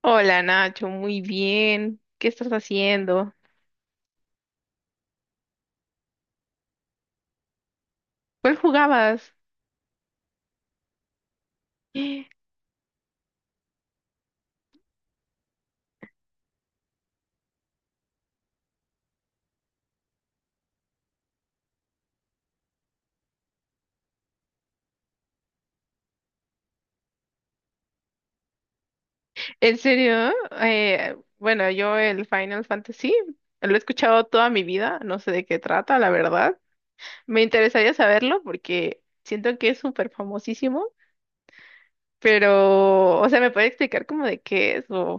Hola Nacho, muy bien. ¿Qué estás haciendo? ¿Cuál jugabas? ¿En serio? Bueno, yo el Final Fantasy lo he escuchado toda mi vida, no sé de qué trata, la verdad. Me interesaría saberlo porque siento que es súper famosísimo, pero, o sea, ¿me puede explicar como de qué es o,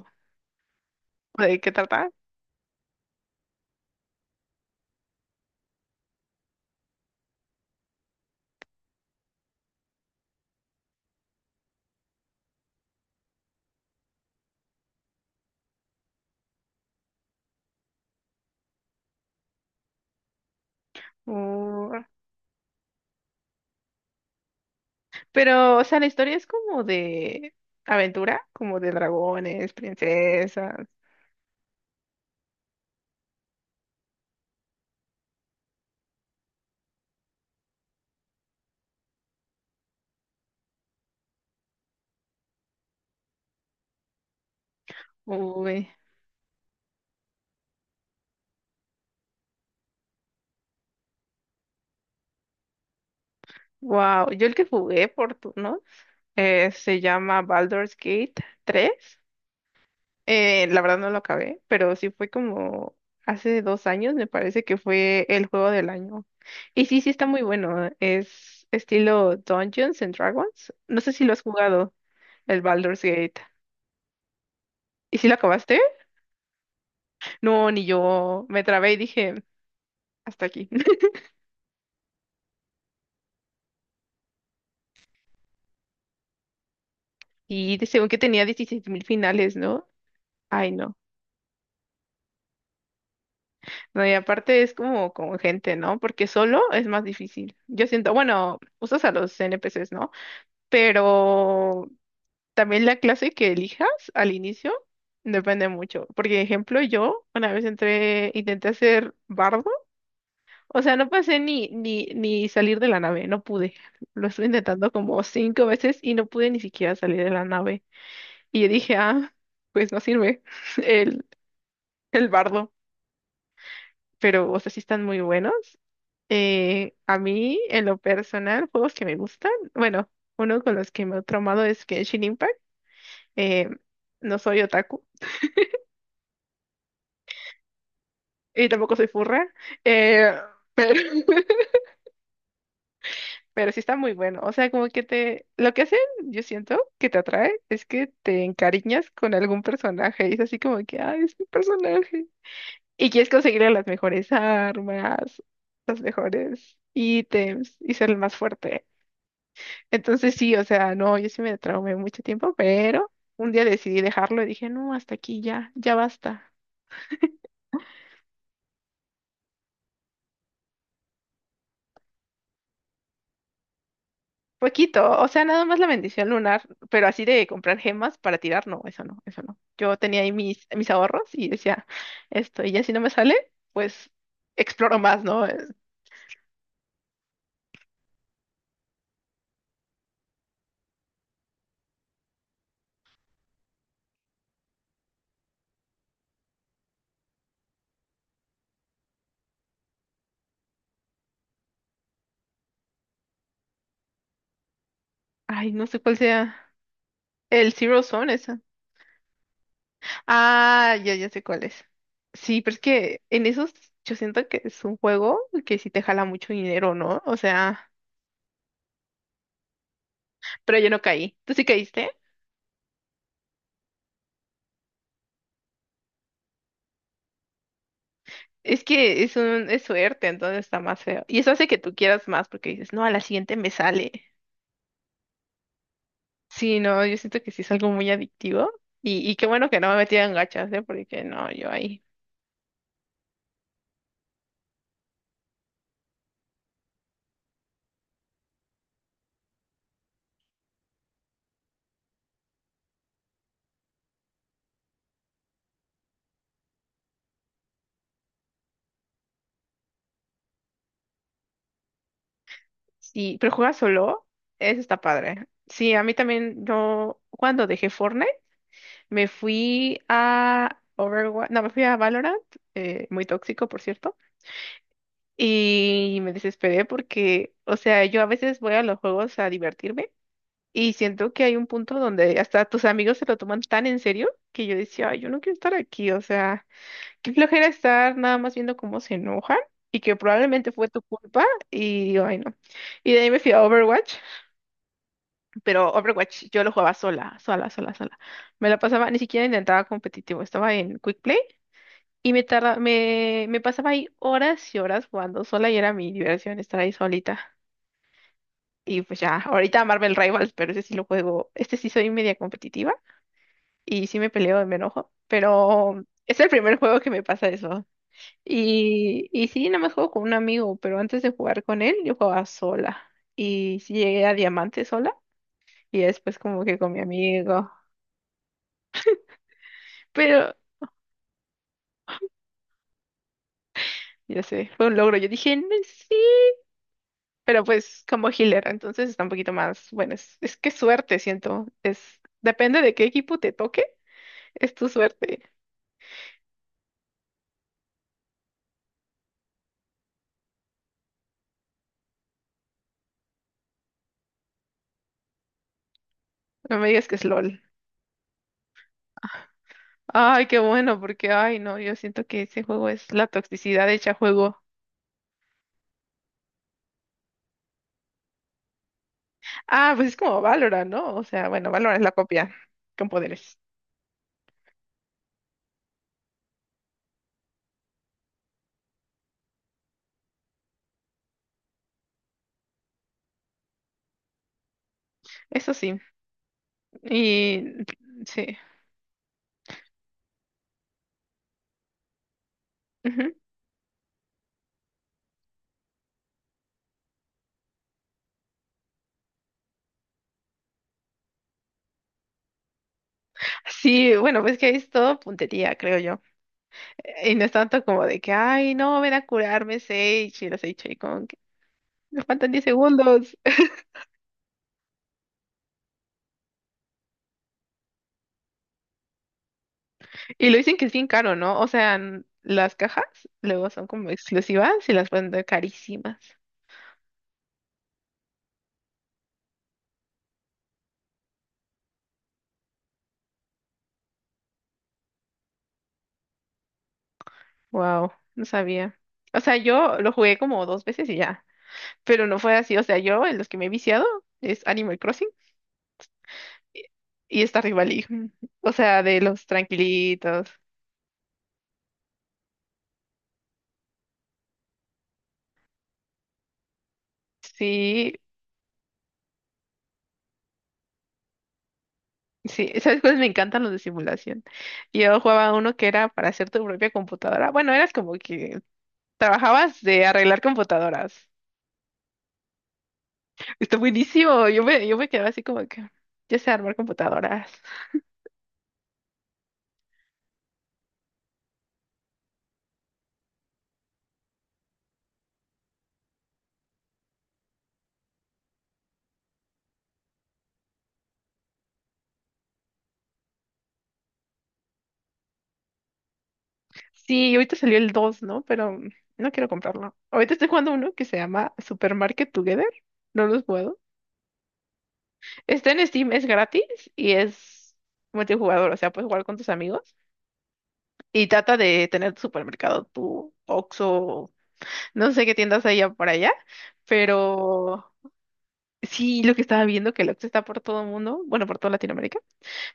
o de qué trata? O- Pero, o sea, la historia es como de aventura, como de dragones, princesas. Uy. Wow, yo el que jugué por turno se llama Baldur's Gate 3. La verdad no lo acabé, pero sí fue como hace 2 años, me parece que fue el juego del año. Y sí, sí está muy bueno. Es estilo Dungeons and Dragons. No sé si lo has jugado, el Baldur's Gate. ¿Y si lo acabaste? No, ni yo. Me trabé y dije, hasta aquí. Según que tenía 16 mil finales, ¿no? Ay, no. No, y aparte es como con gente, ¿no? Porque solo es más difícil. Yo siento, bueno, usas a los NPCs, ¿no? Pero también la clase que elijas al inicio depende mucho. Porque, ejemplo, yo una vez entré, intenté hacer bardo. O sea, no pasé ni salir de la nave, no pude. Lo estuve intentando como cinco veces y no pude ni siquiera salir de la nave. Y yo dije, ah, pues no sirve el, el bardo. Pero, o sea, sí están muy buenos. A mí, en lo personal, juegos que me gustan, bueno, uno con los que me he traumado es Genshin Impact. Eh, no soy otaku y tampoco soy furra, eh, pero, pero sí está muy bueno. O sea, como que lo que hacen, yo siento que te atrae, es que te encariñas con algún personaje y es así como que, ay, es mi personaje. Y quieres conseguirle las mejores armas, los mejores ítems y ser el más fuerte. Entonces sí, o sea, no, yo sí me traumé mucho tiempo, pero un día decidí dejarlo y dije, no, hasta aquí ya, ya basta. Poquito, o sea, nada más la bendición lunar, pero así de comprar gemas para tirar, no, eso no, eso no. Yo tenía ahí mis ahorros y decía, esto, y ya si no me sale, pues exploro más, ¿no? Ay, no sé cuál sea el Zero Zone, esa. Ah, ya, ya sé cuál es. Sí, pero es que en esos yo siento que es un juego que sí te jala mucho dinero, ¿no? O sea, pero yo no caí. ¿Tú sí caíste? Es que es suerte, entonces está más feo. Y eso hace que tú quieras más porque dices, no, a la siguiente me sale. Sí, no, yo siento que sí es algo muy adictivo. Y qué bueno que no me metí en gachas, ¿eh? Porque no, yo ahí. Sí, pero juega solo, eso está padre. Sí, a mí también, yo cuando dejé Fortnite, me fui a Overwatch, no, me fui a Valorant, muy tóxico, por cierto. Y me desesperé porque, o sea, yo a veces voy a los juegos a divertirme. Y siento que hay un punto donde hasta tus amigos se lo toman tan en serio que yo decía, ay, yo no quiero estar aquí, o sea, qué flojera estar nada más viendo cómo se enojan y que probablemente fue tu culpa y digo, ay, no. Y de ahí me fui a Overwatch, pero Overwatch yo lo jugaba sola, sola, sola, sola. Me la pasaba, ni siquiera intentaba competitivo, estaba en Quick Play y me pasaba ahí horas y horas jugando sola y era mi diversión estar ahí solita. Y pues ya, ahorita Marvel Rivals, pero ese sí lo juego, este sí soy media competitiva. Y sí me peleo y me enojo, pero es el primer juego que me pasa eso. Y sí, nada más juego con un amigo, pero antes de jugar con él, yo jugaba sola. Y sí llegué a diamante sola y después como que con mi amigo. Pero, ya sé, fue un logro. Yo dije, "No, sí, pero pues como healer, entonces está un poquito más, bueno, es que suerte, siento. Depende de qué equipo te toque, es tu suerte. No me digas que es LOL. Ay, qué bueno, porque, ay, no, yo siento que ese juego es la toxicidad hecha juego. Ah, pues es como Valorant, ¿no? O sea, bueno, Valorant es la copia con poderes. Eso sí. Y sí. Ujú. Sí, bueno, pues que ahí es todo puntería, creo yo. Y no es tanto como de que, ay, no, ven a curarme, Sage. Y los Sage ahí como que me faltan 10 segundos. Y lo dicen que es bien caro, ¿no? O sea, las cajas luego son como exclusivas y las pueden dar carísimas. Wow, no sabía. O sea, yo lo jugué como dos veces y ya. Pero no fue así. O sea, yo en los que me he viciado es Animal Crossing. Y está Rivalí. O sea, de los tranquilitos. Sí, sí. ¿Sabes cuáles me encantan los de simulación? Yo jugaba uno que era para hacer tu propia computadora. Bueno, eras como que trabajabas de arreglar computadoras. Está buenísimo. Yo me quedaba así como que, ya sé armar computadoras. Sí, y ahorita salió el 2, ¿no? Pero no quiero comprarlo. Ahorita estoy jugando uno que se llama Supermarket Together. No los puedo. Está en Steam, es gratis y es multijugador, o sea, puedes jugar con tus amigos. Y trata de tener tu supermercado, tu Oxxo, no sé qué tiendas haya por allá, pero sí, lo que estaba viendo que el Oxxo está por todo el mundo, bueno, por toda Latinoamérica,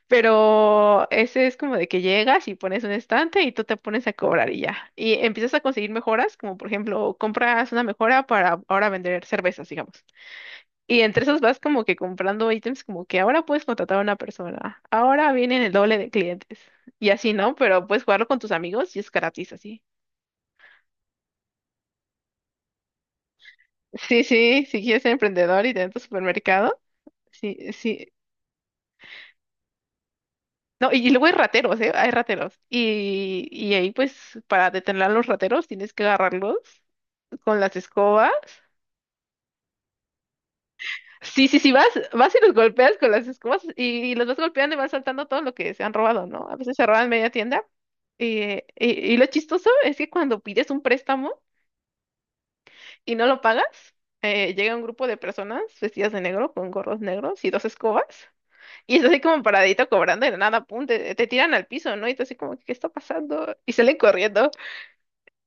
pero ese es como de que llegas y pones un estante y tú te pones a cobrar y ya. Y empiezas a conseguir mejoras, como por ejemplo, compras una mejora para ahora vender cervezas, digamos. Y entre esos vas como que comprando ítems como que ahora puedes contratar a una persona, ahora vienen el doble de clientes. Y así, ¿no? Pero puedes jugarlo con tus amigos y es gratis así. Sí, sí, si quieres ser emprendedor y tener tu supermercado, sí, sí. No, y luego hay rateros, ¿eh? Hay rateros. Y ahí, pues, para detener a los rateros, tienes que agarrarlos con las escobas. Sí, sí, sí, vas, vas y los golpeas con las escobas y los vas golpeando y vas saltando todo lo que se han robado, ¿no? A veces se roban media tienda. Y lo chistoso es que cuando pides un préstamo y no lo pagas, llega un grupo de personas vestidas de negro con gorros negros y dos escobas. Y está así como paradito cobrando y de nada, pum, te tiran al piso, ¿no? Y tú así como, ¿qué está pasando? Y salen corriendo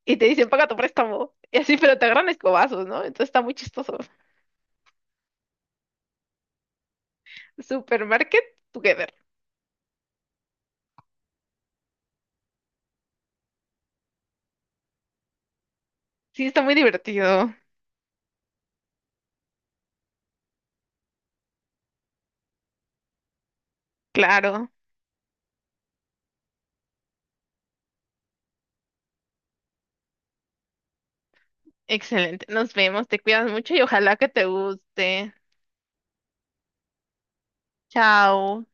y te dicen, paga tu préstamo. Y así, pero te agarran a escobazos, ¿no? Entonces está muy chistoso. Supermarket Together. Sí, está muy divertido. Claro. Excelente. Nos vemos. Te cuidas mucho y ojalá que te guste. Chao.